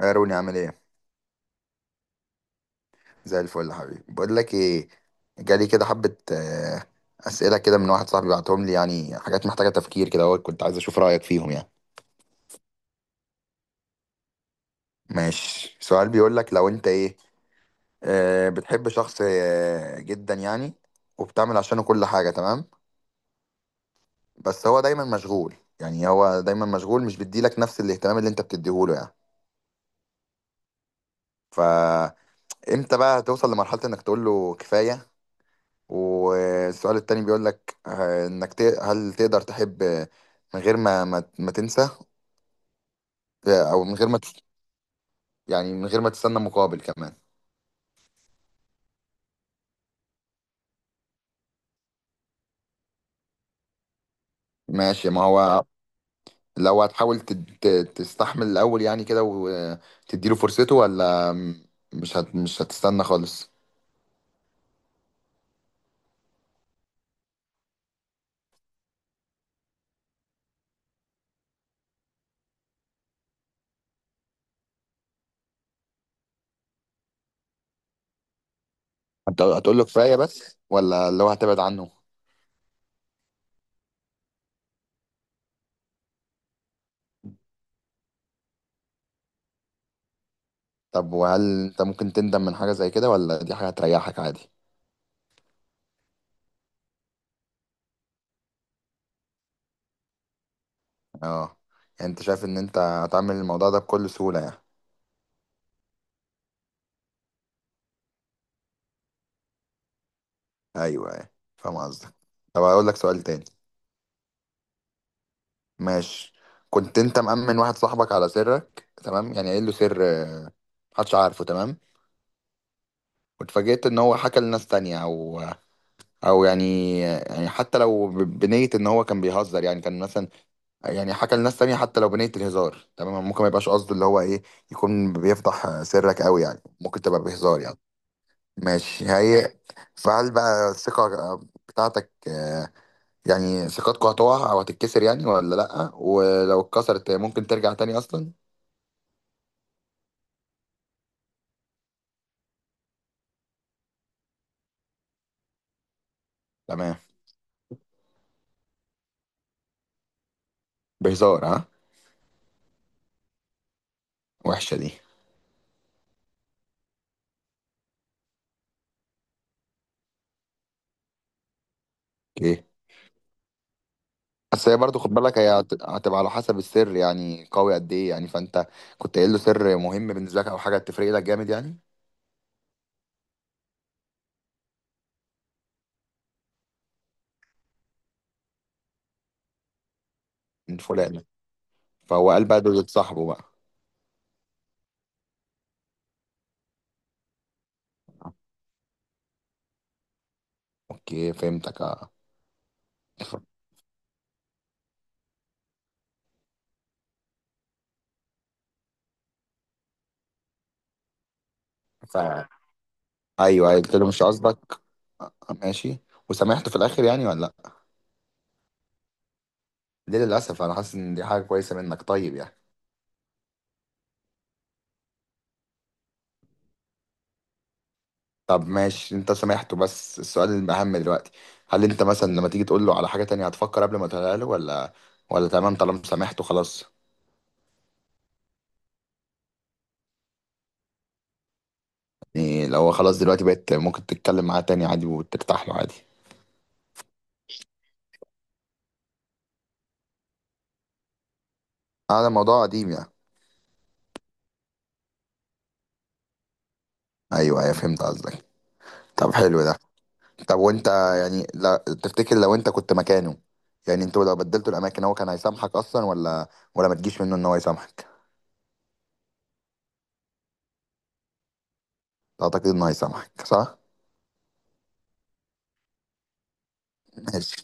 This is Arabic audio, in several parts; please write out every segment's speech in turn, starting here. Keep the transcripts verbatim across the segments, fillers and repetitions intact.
يا روني عامل ايه؟ زي الفل يا حبيبي. بقول لك ايه، جالي كده حبه آه، اسئله كده من واحد صاحبي بعتهم لي، يعني حاجات محتاجه تفكير كده، اهو كنت عايز اشوف رايك فيهم يعني. ماشي، سؤال بيقول لك: لو انت ايه، آه، بتحب شخص آه، جدا يعني، وبتعمل عشانه كل حاجه، تمام، بس هو دايما مشغول. يعني هو دايما مشغول، مش بيديلك نفس الاهتمام اللي انت بتديهوله يعني. فامتى بقى هتوصل لمرحله انك تقول له كفايه؟ والسؤال التاني بيقول لك آه، انك ت- هل تقدر تحب آه، من غير ما ما, ما تنسى، آه، او من غير ما تس- يعني من غير ما تستنى مقابل كمان. ماشي، ما هو لو هتحاول تد- ت- تستحمل الاول يعني كده، وتديله فرصته، ولا م- مش هت مش هتستنى خالص؟ هت- هتقول له كفاية بس، ولا لو هتبعد عنه؟ طب، وهل انت ممكن تندم من حاجة زي كده، ولا دي حاجة هتريحك عادي؟ اه، يعني انت شايف ان انت هتعمل الموضوع ده بكل سهولة يعني. ايوه ايوه، فاهم قصدك. طب هقول لك سؤال تاني. ماشي، كنت انت مأمن واحد صاحبك على سرك، تمام يعني، قايل له سر آه، محدش عارفه، تمام، واتفاجئت ان هو حكى لناس تانية، او او يعني، يعني حتى لو ب- بنية ان هو كان بيهزر يعني، كان مثلا يعني حكى لناس تانية حتى لو بنية الهزار. تمام، ممكن ما يبقاش قصده، اللي هو ايه، يكون بيفضح آه، سرك، قوي يعني، ممكن تبقى بهزار يعني. ماشي، هي فهل بقى الثقة بتاعتك، يعني ثقتكوا هتقع او هتتكسر يعني، ولا لا؟ ولو اتكسرت ممكن ترجع تاني اصلا؟ تمام. بهزار، ها. وحشه دي. اوكي. بس هي برضه خد بالك، هي هت- هتبقى على حسب السر يعني، قوي قد ايه يعني، فانت كنت قايل له سر مهم بالنسبه لك، او حاجه تفرق لك جامد يعني. من فلان. فهو قال بقى، دول صاحبه بقى. اوكي، فهمتك، اه. ف... ف... ايوه، قلت له مش قصدك. آه، ماشي، وسامحته في الاخر يعني، ولا لا؟ ليه للاسف؟ انا حاسس ان دي حاجه كويسه منك، طيب يعني. طب ماشي، انت سامحته، بس السؤال الأهم دلوقتي: هل انت مثلا لما تيجي تقول له على حاجة تانية هتفكر قبل ما تقولها له، ولا ولا تمام طالما سامحته خلاص؟ يعني لو هو خلاص دلوقتي، بقيت ممكن تتكلم معاه تاني عادي وترتاح له عادي؟ هذا موضوع قديم يعني. ايوه ايوه، فهمت قصدك. طب حلو ده. طب وانت، يعني لا، تفتكر لو انت كنت مكانه، يعني انتوا لو بدلتوا الاماكن، هو كان هيسامحك اصلا، ولا ولا ما تجيش منه ان هو يسامحك؟ اعتقد انه هيسامحك، صح؟ ماشي.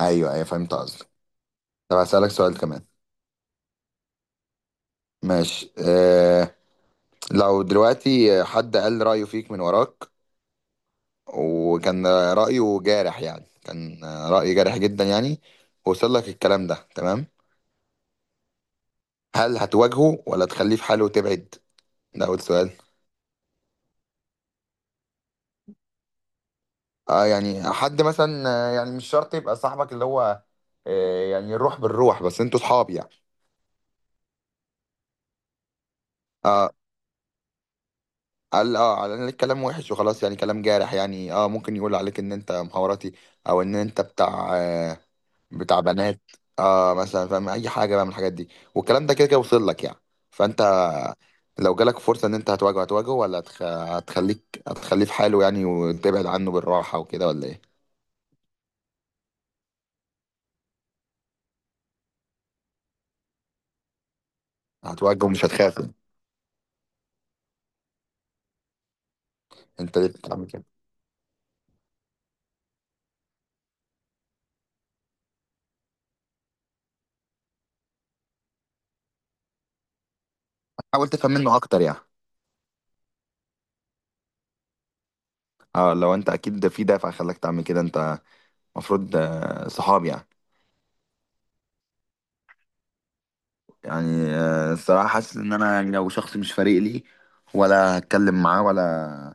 ايوه ايوه، فهمت قصدك. طب هسألك سؤال كمان. ماشي، آه، لو دلوقتي حد قال رأيه فيك من وراك، وكان رأيه جارح يعني، كان رأي جارح جدا يعني، ووصل لك الكلام ده، تمام، هل هتواجهه ولا تخليه في حاله وتبعد؟ ده أول سؤال. آه يعني حد مثلا، آه، يعني مش شرط يبقى صاحبك، اللي هو آه يعني الروح بالروح، بس انتوا صحاب يعني. اه، قال اه، قال الكلام وحش وخلاص يعني، كلام جارح يعني، اه، ممكن يقول عليك ان انت مخابراتي، او ان انت بتاع آه، بتاع بنات، اه مثلا، فاهم، اي حاجه بقى من الحاجات دي، والكلام ده كده كده وصل لك يعني، فانت لو جالك فرصه ان انت هتواجهه، هتواجهه، ولا هتخ... هتخليك هتخليه في حاله يعني وتبعد عنه بالراحه وكده، ولا ايه؟ هتواجهه، مش هتخاف يعني. انت ليه بتعمل كده؟ حاول تفهم منه اكتر يعني. اه، لو انت اكيد ده في دافع خلاك تعمل كده، انت المفروض صحاب يعني. يعني آه، الصراحه حاسس ان انا، يعني لو شخص مش فارق لي، ولا هتكلم معاه ولا،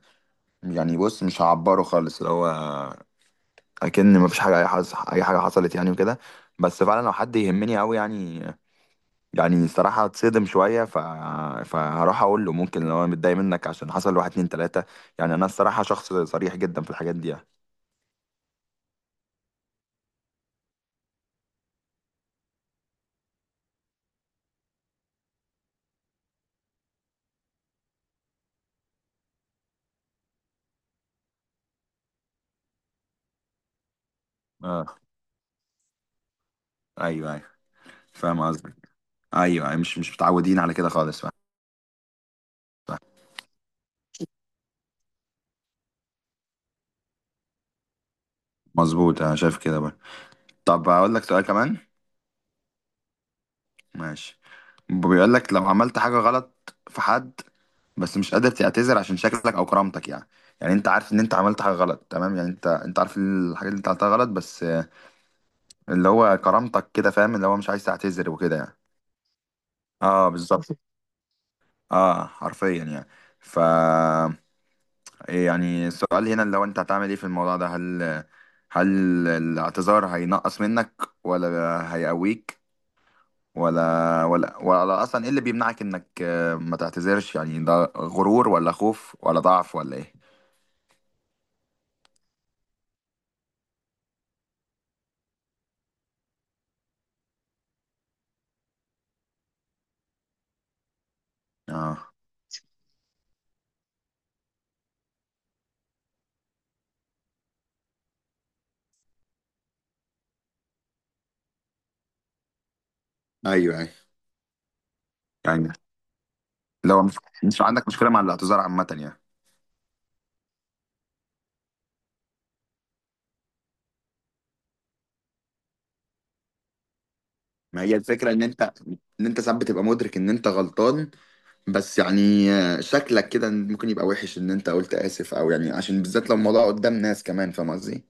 يعني بص مش هعبره خالص، اللي هو اكن مفيش حاجه، اي حاجه، اي حاجه حصلت يعني وكده. بس فعلا لو حد يهمني قوي يعني، يعني الصراحه اتصدم شويه، ف... فهروح اقول له، ممكن لو انا متضايق منك عشان حصل واحد اتنين تلاته، يعني انا الصراحه شخص صريح جدا في الحاجات دي يعني. اه. ايوه ايوه، فاهم قصدك. ايوه أيوة، مش مش متعودين على كده خالص، فاهم. فاهم. مظبوط، انا شايف كده بقى. طب هقول لك سؤال كمان. ماشي، بيقول لك لو عملت حاجة غلط في حد، بس مش قادر تعتذر عشان شكلك او كرامتك يعني، يعني انت عارف ان انت عملت حاجة غلط، تمام يعني، انت انت عارف الحاجة اللي انت عملتها غلط، بس آه، اللي هو كرامتك كده، فاهم، اللي هو مش عايز تعتذر وكده يعني. اه بالظبط. اه، حرفيا يعني. ف، يعني السؤال هنا اللي هو انت هتعمل ايه في الموضوع ده، هل هل الاعتذار هينقص منك، ولا هيقويك، ولا ولا ولا اصلا ايه اللي بيمنعك انك آه، ما تعتذرش يعني؟ ده غرور، ولا خوف، ولا ضعف، ولا ايه؟ اه. ايوه ايوه. يعني لو مش مش عندك مشكلة مع الاعتذار عامة يعني. ما هي الفكرة ان انت، ان انت ساعات بتبقى مدرك ان انت غلطان، بس يعني آه، شكلك كده ممكن يبقى وحش ان انت قلت اسف، او يعني عشان بالذات لو الموضوع قدام ناس كمان، فاهم قصدي؟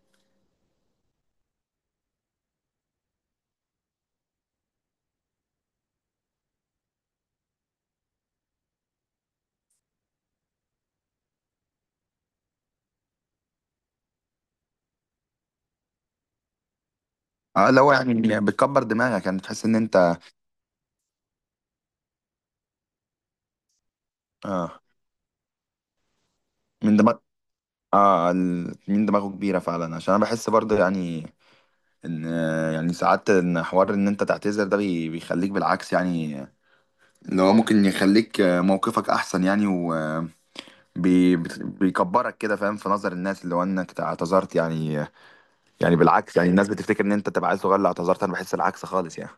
اه، لو يعني بتكبر دماغك يعني، بتحس ان انت. اه، من دماغ، اه، ال- من دماغه كبيرة فعلا، عشان انا بحس برضه يعني ان، يعني ساعات ان حوار ان انت تعتذر ده بي- بيخليك بالعكس يعني، اللي هو ممكن يخليك موقفك احسن يعني، وبيكبرك كده، فاهم، في نظر الناس، اللي هو انك اعتذرت يعني. يعني بالعكس، يعني الناس بتفتكر ان انت تبقى عيل صغير اللي اعتذرت، انا بحس العكس خالص يعني.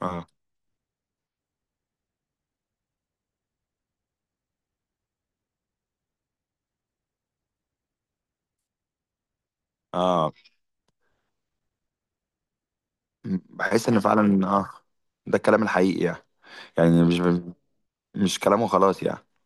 اه. اه، بحس ان فعلا، اه، ده الكلام الحقيقي يعني، يعني مش مش كلامه خلاص يعني.